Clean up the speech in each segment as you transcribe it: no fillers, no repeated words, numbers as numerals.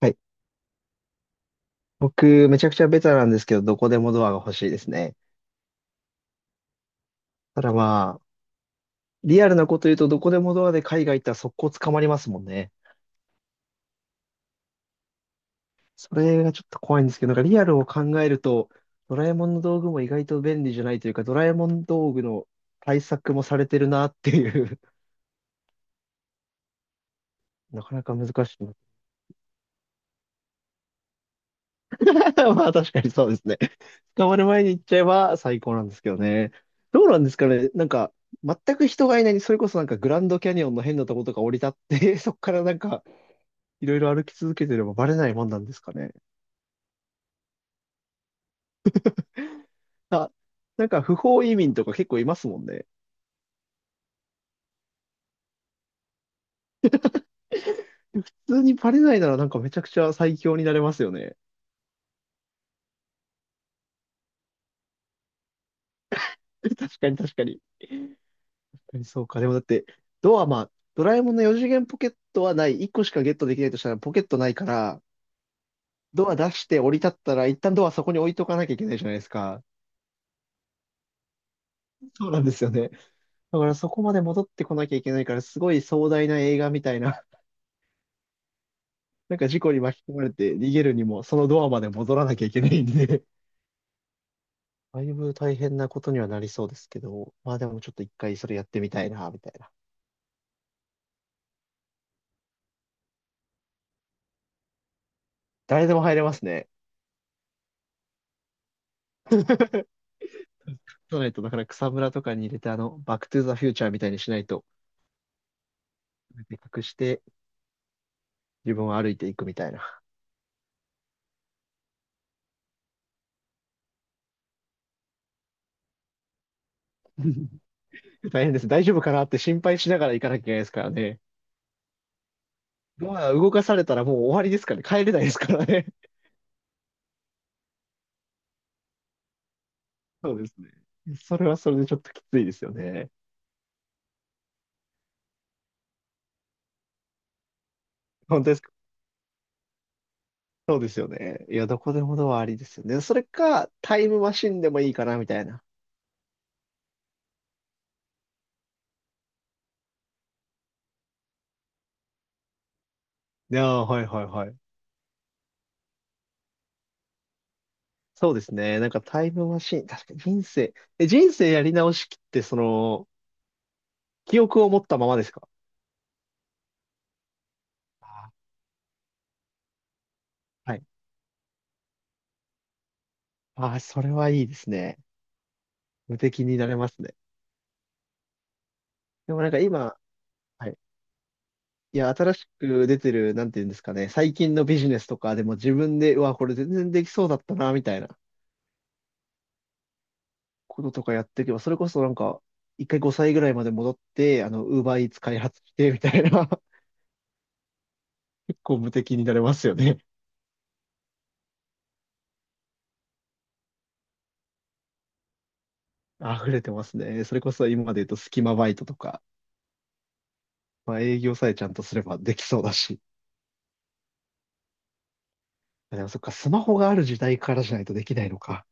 はい、僕、めちゃくちゃベタなんですけど、どこでもドアが欲しいですね。ただまあ、リアルなこと言うと、どこでもドアで海外行ったら速攻捕まりますもんね。それがちょっと怖いんですけど、なんかリアルを考えると、ドラえもんの道具も意外と便利じゃないというか、ドラえもん道具の対策もされてるなっていう、なかなか難しいな。まあ確かにそうですね。捕まる前に行っちゃえば最高なんですけどね。どうなんですかね。なんか、全く人がいない、それこそなんかグランドキャニオンの変なとことか降り立って、そこからなんか、いろいろ歩き続けてればバレないもんなんですかね。あ、なんか不法移民とか結構いますもんね。普通にバレないならなんかめちゃくちゃ最強になれますよね。確かに確かに。確かにそうか。でもだって、ドアまあ、ドラえもんの4次元ポケットはない。1個しかゲットできないとしたらポケットないから、ドア出して降り立ったら一旦ドアそこに置いとかなきゃいけないじゃないですか。そうなんですよね。だからそこまで戻ってこなきゃいけないから、すごい壮大な映画みたいな。なんか事故に巻き込まれて逃げるにも、そのドアまで戻らなきゃいけないんで、だいぶ大変なことにはなりそうですけど、まあでもちょっと一回それやってみたいな、みたいな。誰でも入れますね。そうないと、だから草むらとかに入れて、バックトゥーザフューチャーみたいにしないと、隠して自分を歩いていくみたいな。大変です。大丈夫かなって心配しながら行かなきゃいけないですからね。ドア動かされたらもう終わりですからね。帰れないですからね。そうですね。それはそれでちょっときついですよね。本当ですか？そうですよね。いや、どこでもドアありですよね。それか、タイムマシンでもいいかな、みたいな。いやー、はいはいはい。そうですね。なんかタイムマシン、確かに人生やり直しって、その、記憶を持ったままですか？あーはい。ああ、それはいいですね。無敵になれますね。でもなんか今、はい。いや、新しく出てる、なんていうんですかね。最近のビジネスとかでも自分で、うわ、これ全然できそうだったな、みたいなこととかやっていけば、それこそなんか、一回5歳ぐらいまで戻って、ウーバーイーツ開発して、みたいな。結構無敵になれますよね。溢れてますね。それこそ今まで言うと隙間バイトとか、まあ営業さえちゃんとすればできそうだし。あ、でもそっか、スマホがある時代からじゃないとできないのか。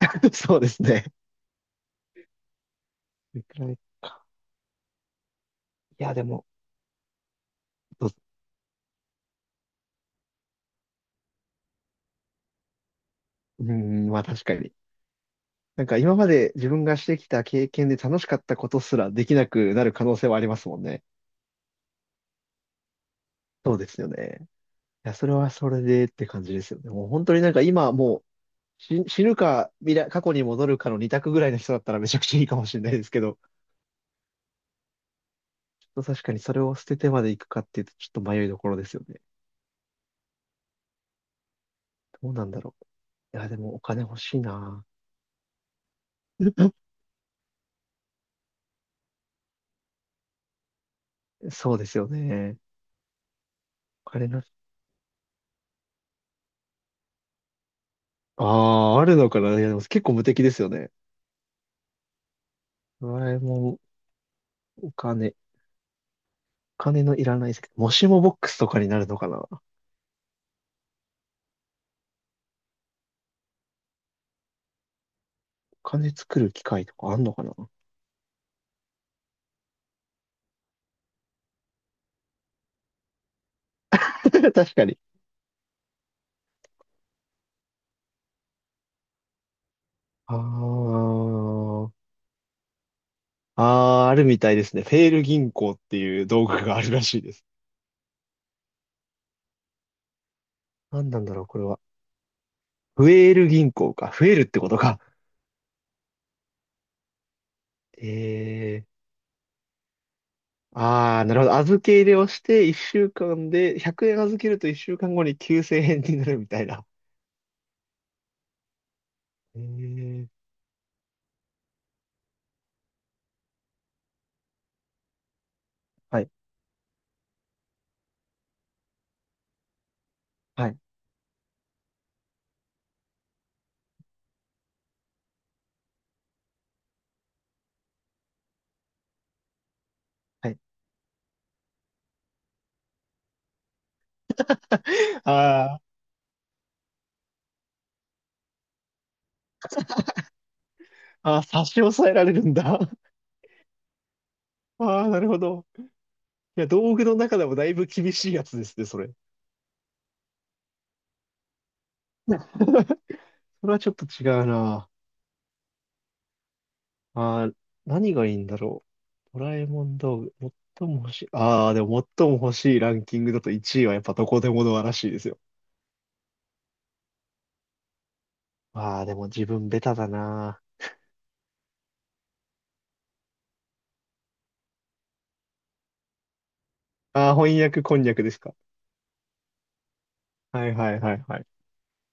そうですね。いくらいか。いや、でも、どううーん、まあ確かに。なんか今まで自分がしてきた経験で楽しかったことすらできなくなる可能性はありますもんね。そうですよね。いや、それはそれでって感じですよね。もう本当になんか今もう、死ぬか未来、過去に戻るかの二択ぐらいの人だったらめちゃくちゃいいかもしれないですけど。と確かにそれを捨ててまで行くかっていうと、ちょっと迷いどころですよね。どうなんだろう。いや、でもお金欲しいな。そうですよね。お金な、ああ、あるのかな。いや、でも結構無敵ですよね。ドラえもん、お金のいらない世界もしもボックスとかになるのかな。お金作る機械とかあんのかな。確かに。ああ、ああ、あるみたいですね。フェール銀行っていう道具があるらしいです。何なんだろう、これは。フエール銀行か。増えるってことか。ええ、ああ、なるほど。預け入れをして1週間で100円預けると1週間後に9000円になるみたいな。ええ。はい。はい。はい。あー、あー、差し押さえられるんだ。ああ、なるほど。いや、道具の中でもだいぶ厳しいやつですね、それ。それはちょっと違うな。ああ、何がいいんだろう。ドラえもん道具。最も欲しい。ああ、でも最も欲しいランキングだと1位はやっぱどこでもドアらしいですよ。ああ、でも自分ベタだな。ああ、翻訳こんにゃくですか。はいはいはいはい。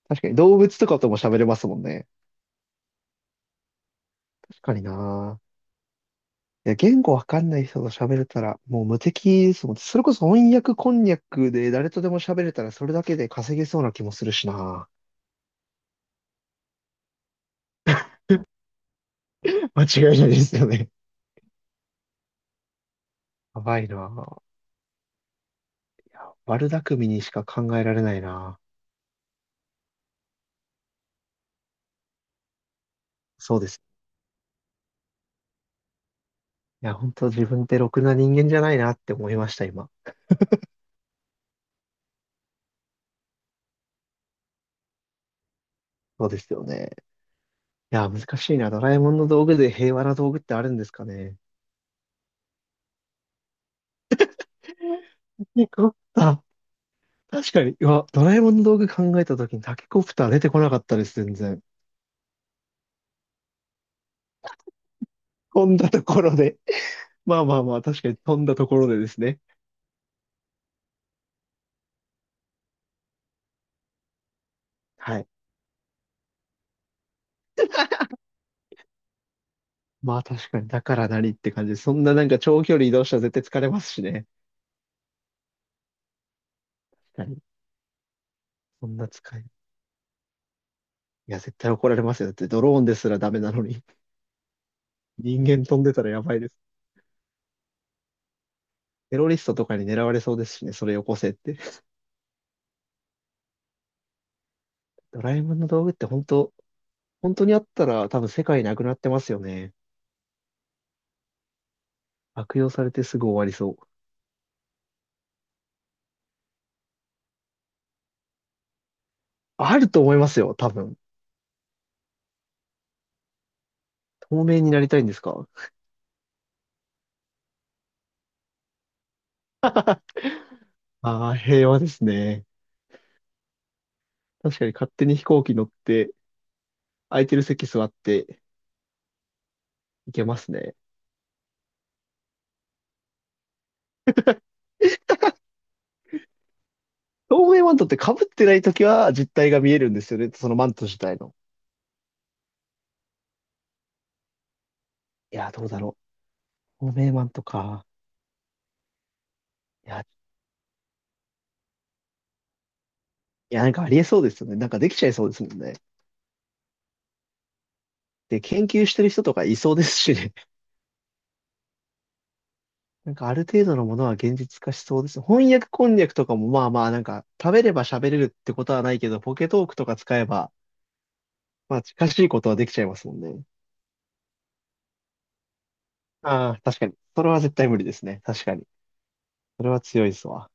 確かに動物とかとも喋れますもんね。確かにな。いや、言語わかんない人と喋れたらもう無敵ですもん。それこそ翻訳こんにゃくで誰とでも喋れたらそれだけで稼げそうな気もするしな。間違いないですよね。やばいな。悪巧みにしか考えられないな。そうです。いや、本当自分ってろくな人間じゃないなって思いました、今。そうですよね。いや、難しいな。ドラえもんの道具で平和な道具ってあるんですかね。よかった。確かに、うわ、ドラえもんの道具考えたときにタケコプター出てこなかったです、全然。飛んだところで。まあまあまあ、確かに飛んだところでですね。はい。まあ確かに、だから何って感じで、そんななんか長距離移動したら絶対疲れますしね。確かに。そんな使い。いや、絶対怒られますよ。だってドローンですらダメなのに。人間飛んでたらやばいです。テロリストとかに狙われそうですしね、それよこせって。ドラえもんの道具って本当、本当にあったら多分世界なくなってますよね。悪用されてすぐ終わりそう。あると思いますよ、多分。透明になりたいんですか？ああー、平和ですね。確かに勝手に飛行機乗って、空いてる席座っていけますね。透明マントって被ってないときは実体が見えるんですよね。そのマント自体の。いや、どうだろう。透明マントか。いや、いや、なんかありえそうですよね。なんかできちゃいそうですもんね。で、研究してる人とかいそうですしね。なんかある程度のものは現実化しそうです。翻訳こんにゃくとかもまあまあなんか食べれば喋れるってことはないけど、ポケトークとか使えば、まあ近しいことはできちゃいますもんね。ああ、確かに。それは絶対無理ですね。確かに。それは強いですわ。